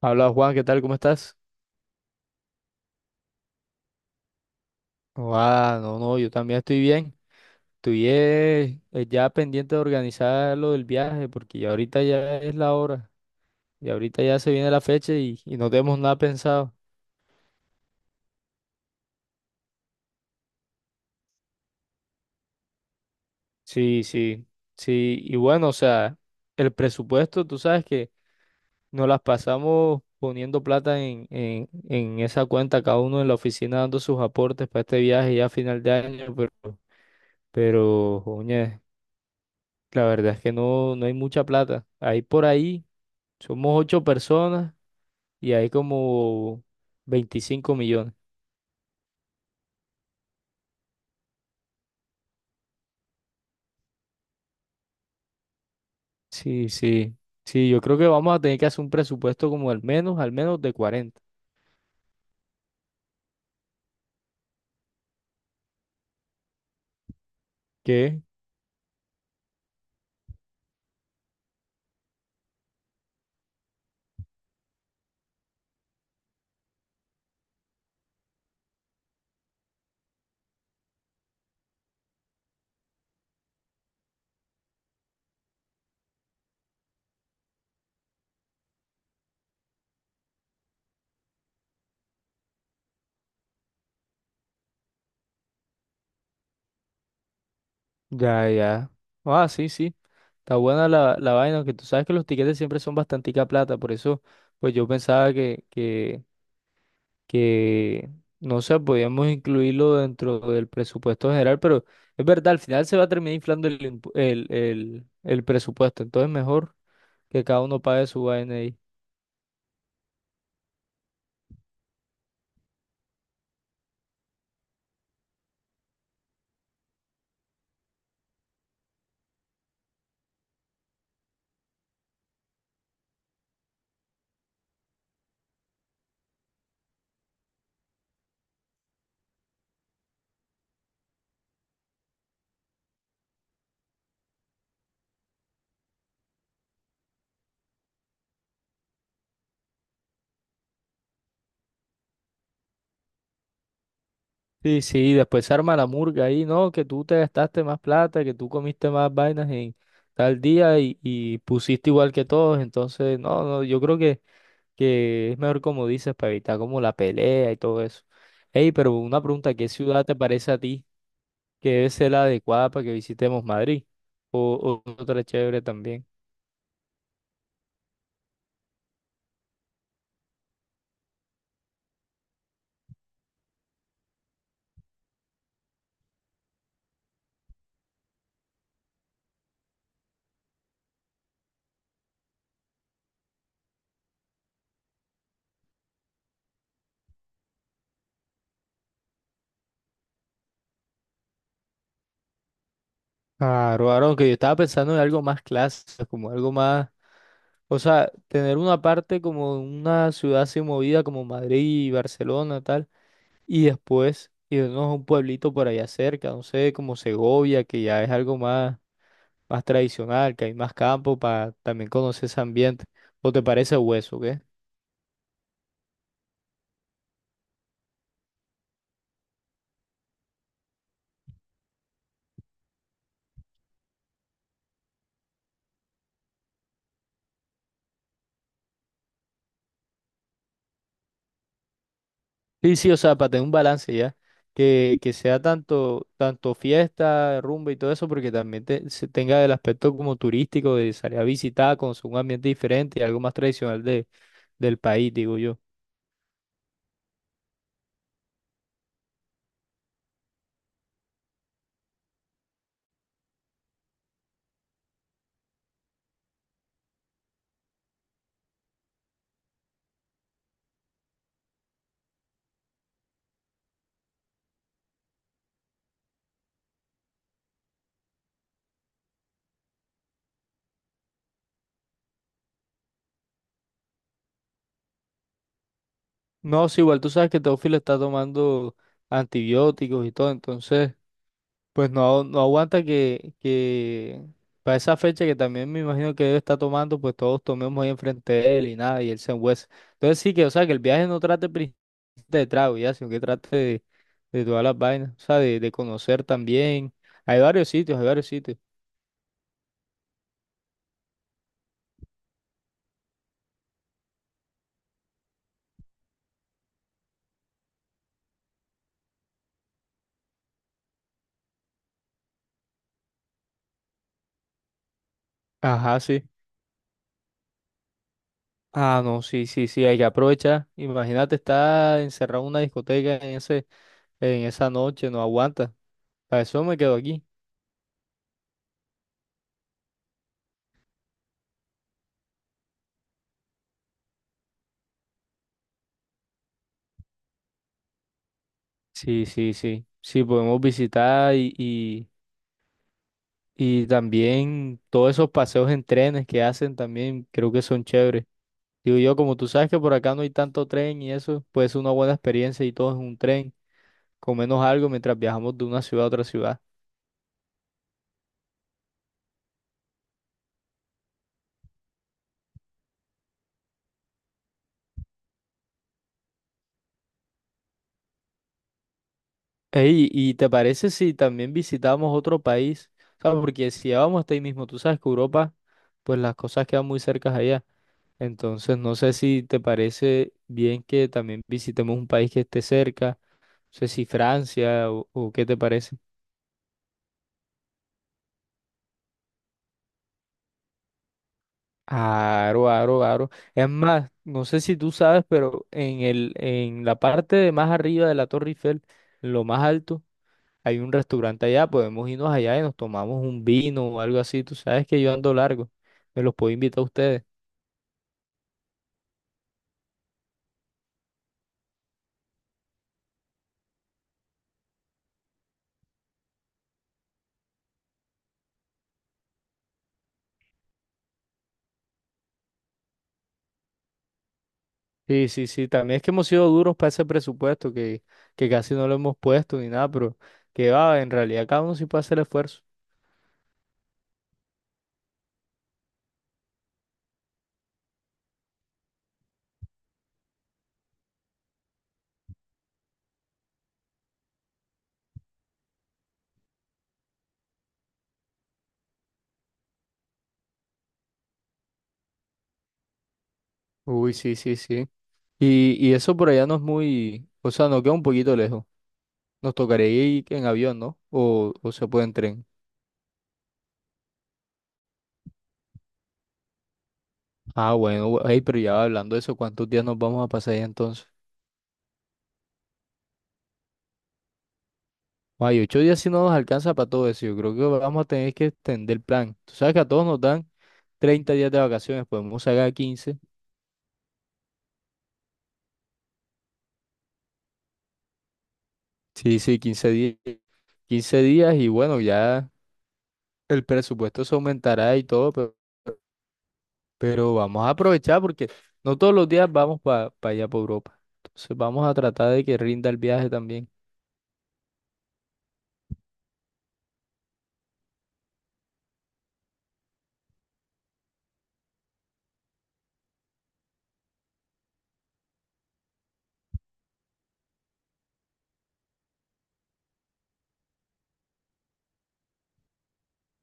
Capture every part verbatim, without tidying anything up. Habla Juan, ¿qué tal? ¿Cómo estás? Ah, no, no, yo también estoy bien. Estoy eh, eh, ya pendiente de organizar lo del viaje porque ya ahorita ya es la hora y ahorita ya se viene la fecha y, y no tenemos nada pensado. Sí, sí, sí. Y bueno, o sea, el presupuesto, tú sabes que nos las pasamos poniendo plata en, en, en esa cuenta, cada uno en la oficina dando sus aportes para este viaje ya a final de año, pero, pero, oye, la verdad es que no, no hay mucha plata. Hay por ahí. Somos ocho personas y hay como veinticinco millones. Sí, sí. Sí, yo creo que vamos a tener que hacer un presupuesto como al menos, al menos de cuarenta. ¿Qué? Ya, ya. Ah, sí, sí. Está buena la, la vaina, que tú sabes que los tiquetes siempre son bastantica plata, por eso, pues yo pensaba que, que, que, no sé, podíamos incluirlo dentro del presupuesto general, pero es verdad, al final se va a terminar inflando el, impu- el, el, el presupuesto, entonces mejor que cada uno pague su vaina ahí. Sí, sí, después arma la murga ahí, ¿no? Que tú te gastaste más plata, que tú comiste más vainas en tal día y, y pusiste igual que todos, entonces, no, no, yo creo que, que es mejor como dices, para evitar como la pelea y todo eso. Ey, pero una pregunta, ¿qué ciudad te parece a ti que debe ser la adecuada para que visitemos Madrid? O, o otra chévere también. Claro, Aaron, que yo estaba pensando en algo más clásico, como algo más, o sea, tener una parte como una ciudad así movida como Madrid y Barcelona, tal y después irnos a un pueblito por allá cerca, no sé, como Segovia, que ya es algo más, más tradicional, que hay más campo para también conocer ese ambiente. ¿O te parece hueso, qué? Sí, sí, o sea, para tener un balance ya, que, que sea tanto, tanto fiesta, rumba y todo eso, porque también te- se tenga el aspecto como turístico de salir a visitar, conocer un ambiente diferente y algo más tradicional de, del país, digo yo. No, sí, igual tú sabes que Teófilo está tomando antibióticos y todo, entonces... Pues no, no aguanta que, que para esa fecha que también me imagino que él está tomando, pues todos tomemos ahí enfrente de él y nada, y él se enhuesa. Entonces sí que, o sea, que el viaje no trate pri- de trago, ya, sino que trate de, de todas las vainas, o sea, de, de conocer también. Hay varios sitios, hay varios sitios. Ajá, sí. Ah, no, sí, sí, sí, hay que aprovechar. Imagínate estar encerrado en una discoteca en ese, en esa noche, no aguanta. Para eso me quedo aquí. Sí, sí, sí. Sí, podemos visitar y, Y también todos esos paseos en trenes que hacen también creo que son chéveres. Digo yo, como tú sabes que por acá no hay tanto tren y eso, puede ser una buena experiencia y todo es un tren, menos algo mientras viajamos de una ciudad a otra ciudad. Ey, ¿y te parece si también visitamos otro país? O sea, porque si ya vamos hasta ahí mismo, tú sabes que Europa, pues las cosas quedan muy cercas allá. Entonces, no sé si te parece bien que también visitemos un país que esté cerca, no sé si Francia o o qué te parece. Aro, aro, aro. Es más, no sé si tú sabes, pero en el, en la parte de más arriba de la Torre Eiffel, en lo más alto, hay un restaurante allá. Podemos irnos allá y nos tomamos un vino o algo así. Tú sabes que yo ando largo. Me los puedo invitar a ustedes. Sí, sí, sí. También es que hemos sido duros para ese presupuesto que, que casi no lo hemos puesto ni nada, pero que va, en realidad cada uno sí puede hacer el esfuerzo. Uy, sí, sí, sí. Y, y eso por allá no es muy, o sea, nos queda un poquito lejos. Nos tocaría ir en avión, ¿no? O, o se puede en tren. Ah, bueno, bu- ey, pero ya hablando de eso, ¿cuántos días nos vamos a pasar allá entonces? Ay, ocho días si no nos alcanza para todo eso. Yo creo que vamos a tener que extender el plan. Tú sabes que a todos nos dan treinta días de vacaciones, podemos sacar quince. Sí, sí, quince días. Quince días y bueno, ya el presupuesto se aumentará y todo, pero, pero vamos a aprovechar porque no todos los días vamos para allá, para Europa. Entonces vamos a tratar de que rinda el viaje también.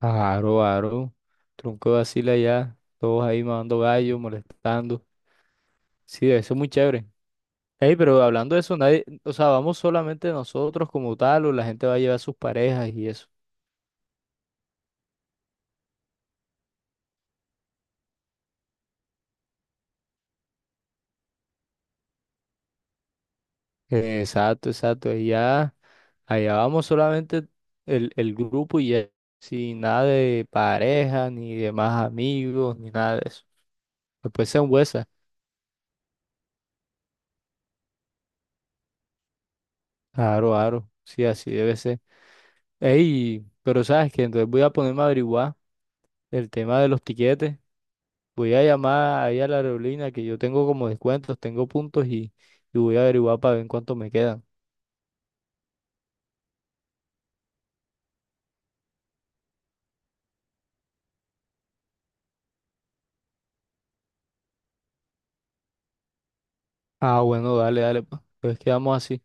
Aro, aro. Tronco de asila ya. Todos ahí mandando gallo, molestando. Sí, eso es muy chévere. Ey, pero hablando de eso, nadie, o sea, vamos solamente nosotros como tal, o la gente va a llevar sus parejas y eso. Eh, Exacto, exacto. Y ya, allá vamos solamente el, el grupo y ya. Sin nada de pareja, ni de más amigos, ni nada de eso. Después se huesa. Aro, aro. Sí, así debe ser. Ey, pero sabes que entonces voy a ponerme a averiguar el tema de los tiquetes. Voy a llamar ahí a la aerolínea que yo tengo como descuentos, tengo puntos y, y voy a averiguar para ver en cuánto me quedan. Ah, bueno, dale, dale, pues. Entonces quedamos así.